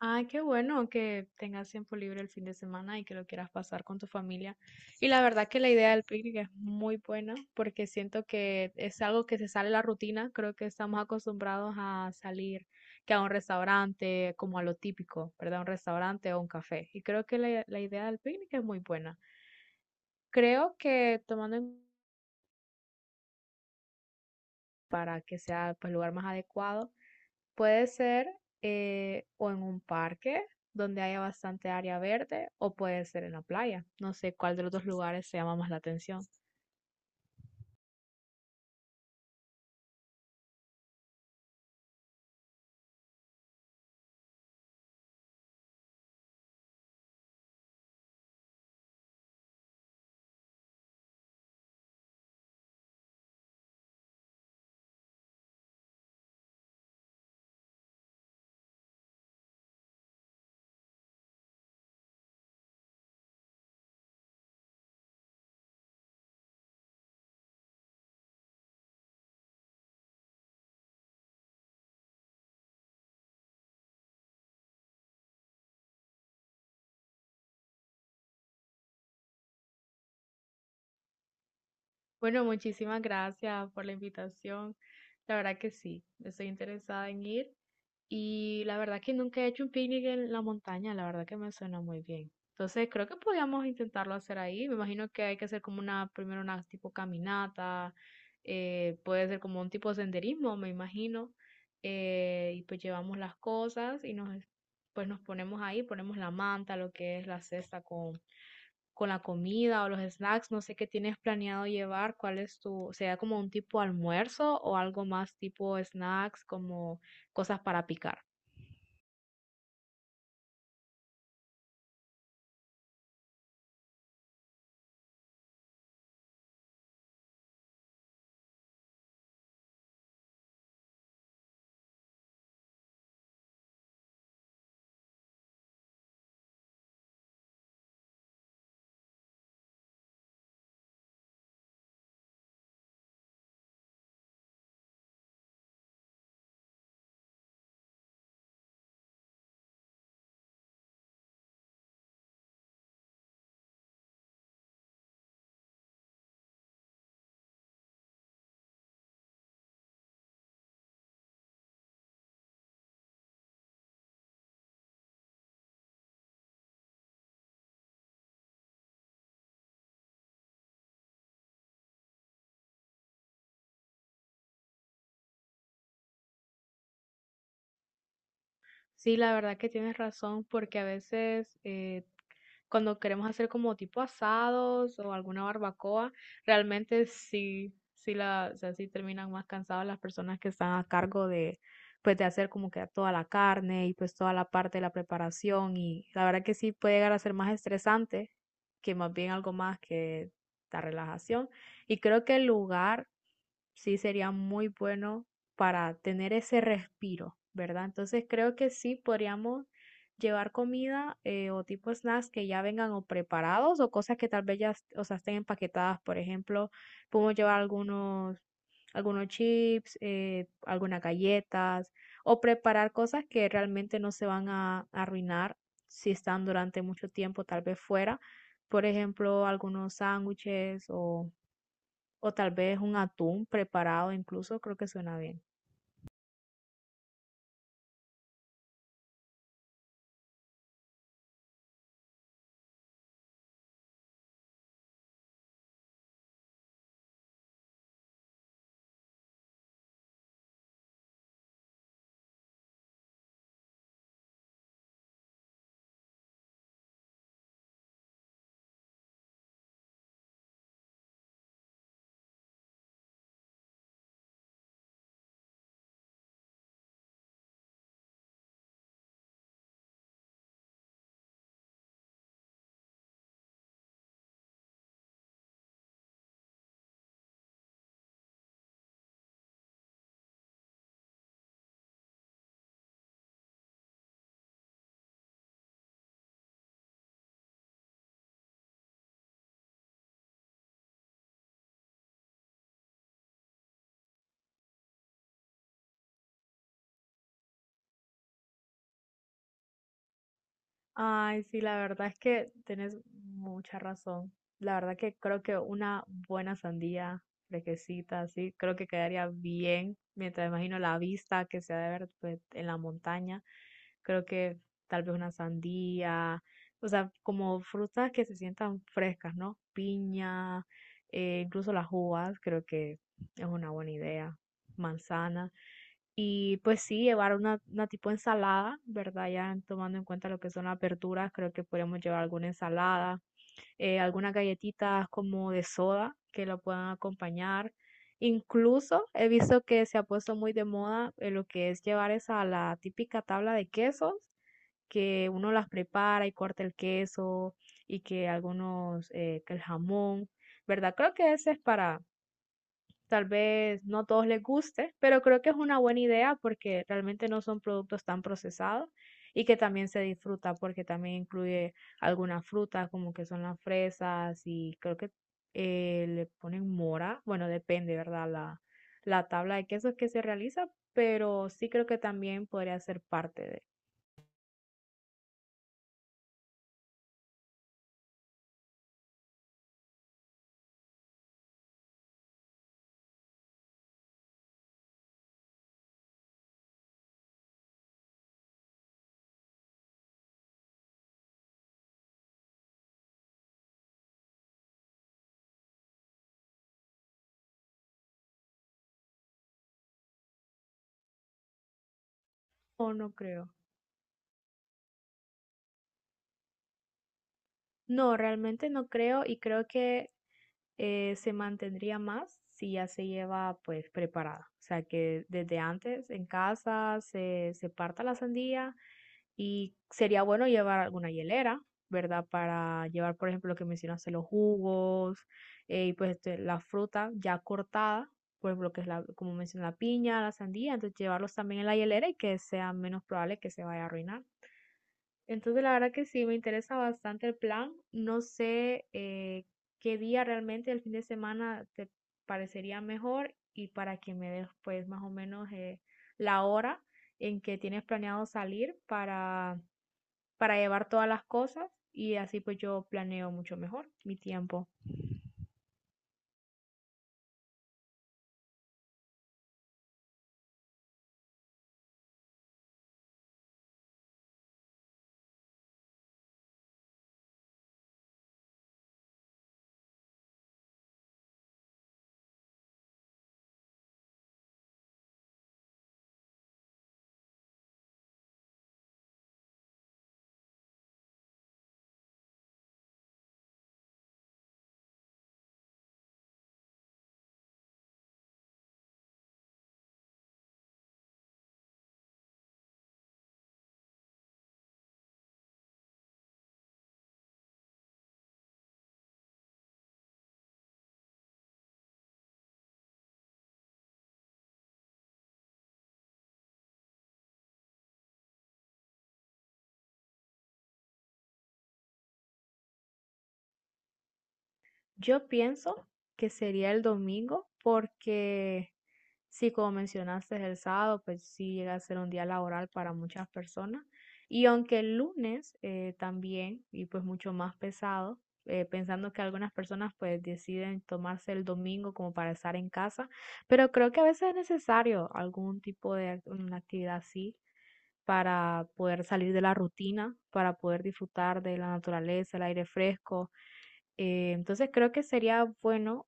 Ay, qué bueno que tengas tiempo libre el fin de semana y que lo quieras pasar con tu familia. Y la verdad que la idea del picnic es muy buena porque siento que es algo que se sale de la rutina. Creo que estamos acostumbrados a salir que a un restaurante, como a lo típico, ¿verdad? Un restaurante o un café. Y creo que la idea del picnic es muy buena. Creo que tomando en para que sea pues, el lugar más adecuado. Puede ser, o en un parque donde haya bastante área verde o puede ser en la playa. No sé cuál de los dos lugares se llama más la atención. Bueno, muchísimas gracias por la invitación. La verdad que sí, estoy interesada en ir. Y la verdad que nunca he hecho un picnic en la montaña, la verdad que me suena muy bien. Entonces creo que podíamos intentarlo hacer ahí. Me imagino que hay que hacer como una, primero una tipo caminata, puede ser como un tipo de senderismo, me imagino. Y pues llevamos las cosas y nos, pues nos ponemos ahí, ponemos la manta, lo que es la cesta con la comida o los snacks. No sé qué tienes planeado llevar, cuál es tu, sea como un tipo almuerzo o algo más tipo snacks, como cosas para picar. Sí, la verdad que tienes razón, porque a veces, cuando queremos hacer como tipo asados o alguna barbacoa, realmente sí, sí la, o sea, sí terminan más cansadas las personas que están a cargo de, pues de hacer como que toda la carne y pues toda la parte de la preparación y la verdad que sí puede llegar a ser más estresante que más bien algo más que la relajación. Y creo que el lugar sí sería muy bueno para tener ese respiro, ¿verdad? Entonces creo que sí podríamos llevar comida o tipo snacks que ya vengan o preparados o cosas que tal vez ya, o sea, estén empaquetadas. Por ejemplo, podemos llevar algunos chips, algunas galletas o preparar cosas que realmente no se van a arruinar si están durante mucho tiempo tal vez fuera. Por ejemplo, algunos sándwiches o tal vez un atún preparado, incluso creo que suena bien. Ay, sí, la verdad es que tienes mucha razón. La verdad que creo que una buena sandía fresquecita, así, creo que quedaría bien. Mientras imagino la vista que se ha de ver pues, en la montaña, creo que tal vez una sandía, o sea, como frutas que se sientan frescas, ¿no? Piña, incluso las uvas, creo que es una buena idea. Manzana. Y pues sí, llevar una tipo ensalada, ¿verdad? Ya tomando en cuenta lo que son las verduras, creo que podríamos llevar alguna ensalada, algunas galletitas como de soda que lo puedan acompañar. Incluso he visto que se ha puesto muy de moda, lo que es llevar esa la típica tabla de quesos, que uno las prepara y corta el queso y que algunos, que el jamón, ¿verdad? Creo que ese es para tal vez no todos les guste, pero creo que es una buena idea porque realmente no son productos tan procesados y que también se disfruta porque también incluye algunas frutas como que son las fresas y creo que le ponen mora. Bueno, depende, ¿verdad? La tabla de quesos que se realiza, pero sí creo que también podría ser parte de... O no creo. No, realmente no creo y creo que se mantendría más si ya se lleva pues preparada. O sea que desde antes en casa se parta la sandía y sería bueno llevar alguna hielera, ¿verdad? Para llevar, por ejemplo, lo que mencionaste, los jugos, y pues este, la fruta ya cortada, por ejemplo, que es la, como mencioné, la piña, la sandía, entonces llevarlos también en la hielera y que sea menos probable que se vaya a arruinar. Entonces, la verdad que sí, me interesa bastante el plan. No sé, qué día realmente el fin de semana te parecería mejor y para que me des pues más o menos, la hora en que tienes planeado salir para llevar todas las cosas y así pues yo planeo mucho mejor mi tiempo. Yo pienso que sería el domingo porque sí, como mencionaste, el sábado, pues sí llega a ser un día laboral para muchas personas. Y aunque el lunes, también, y pues mucho más pesado, pensando que algunas personas pues deciden tomarse el domingo como para estar en casa, pero creo que a veces es necesario algún tipo de una actividad así para poder salir de la rutina, para poder disfrutar de la naturaleza, el aire fresco, entonces creo que sería bueno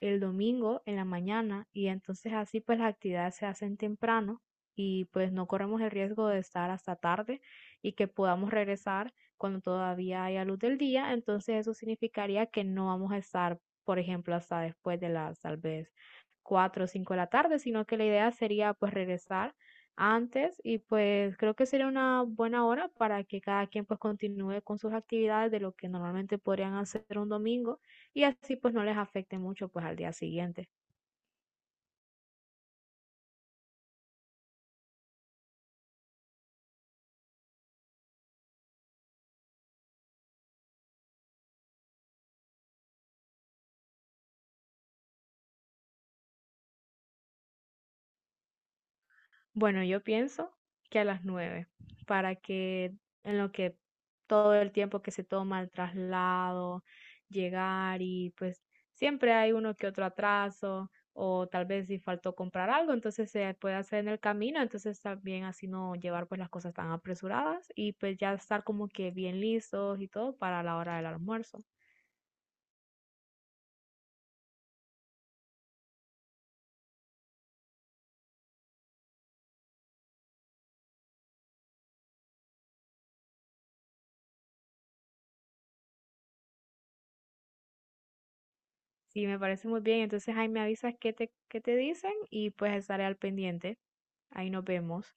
el domingo en la mañana y entonces así pues las actividades se hacen temprano y pues no corremos el riesgo de estar hasta tarde y que podamos regresar cuando todavía haya luz del día, entonces eso significaría que no vamos a estar, por ejemplo, hasta después de las tal vez 4 o 5 de la tarde, sino que la idea sería pues regresar antes y pues creo que sería una buena hora para que cada quien pues continúe con sus actividades de lo que normalmente podrían hacer un domingo y así pues no les afecte mucho pues al día siguiente. Bueno, yo pienso que a las 9 para que en lo que todo el tiempo que se toma el traslado, llegar y pues siempre hay uno que otro atraso o tal vez si faltó comprar algo, entonces se puede hacer en el camino, entonces también así no llevar pues las cosas tan apresuradas y pues ya estar como que bien listos y todo para la hora del almuerzo. Sí, me parece muy bien. Entonces ahí me avisas qué te dicen y pues estaré al pendiente. Ahí nos vemos.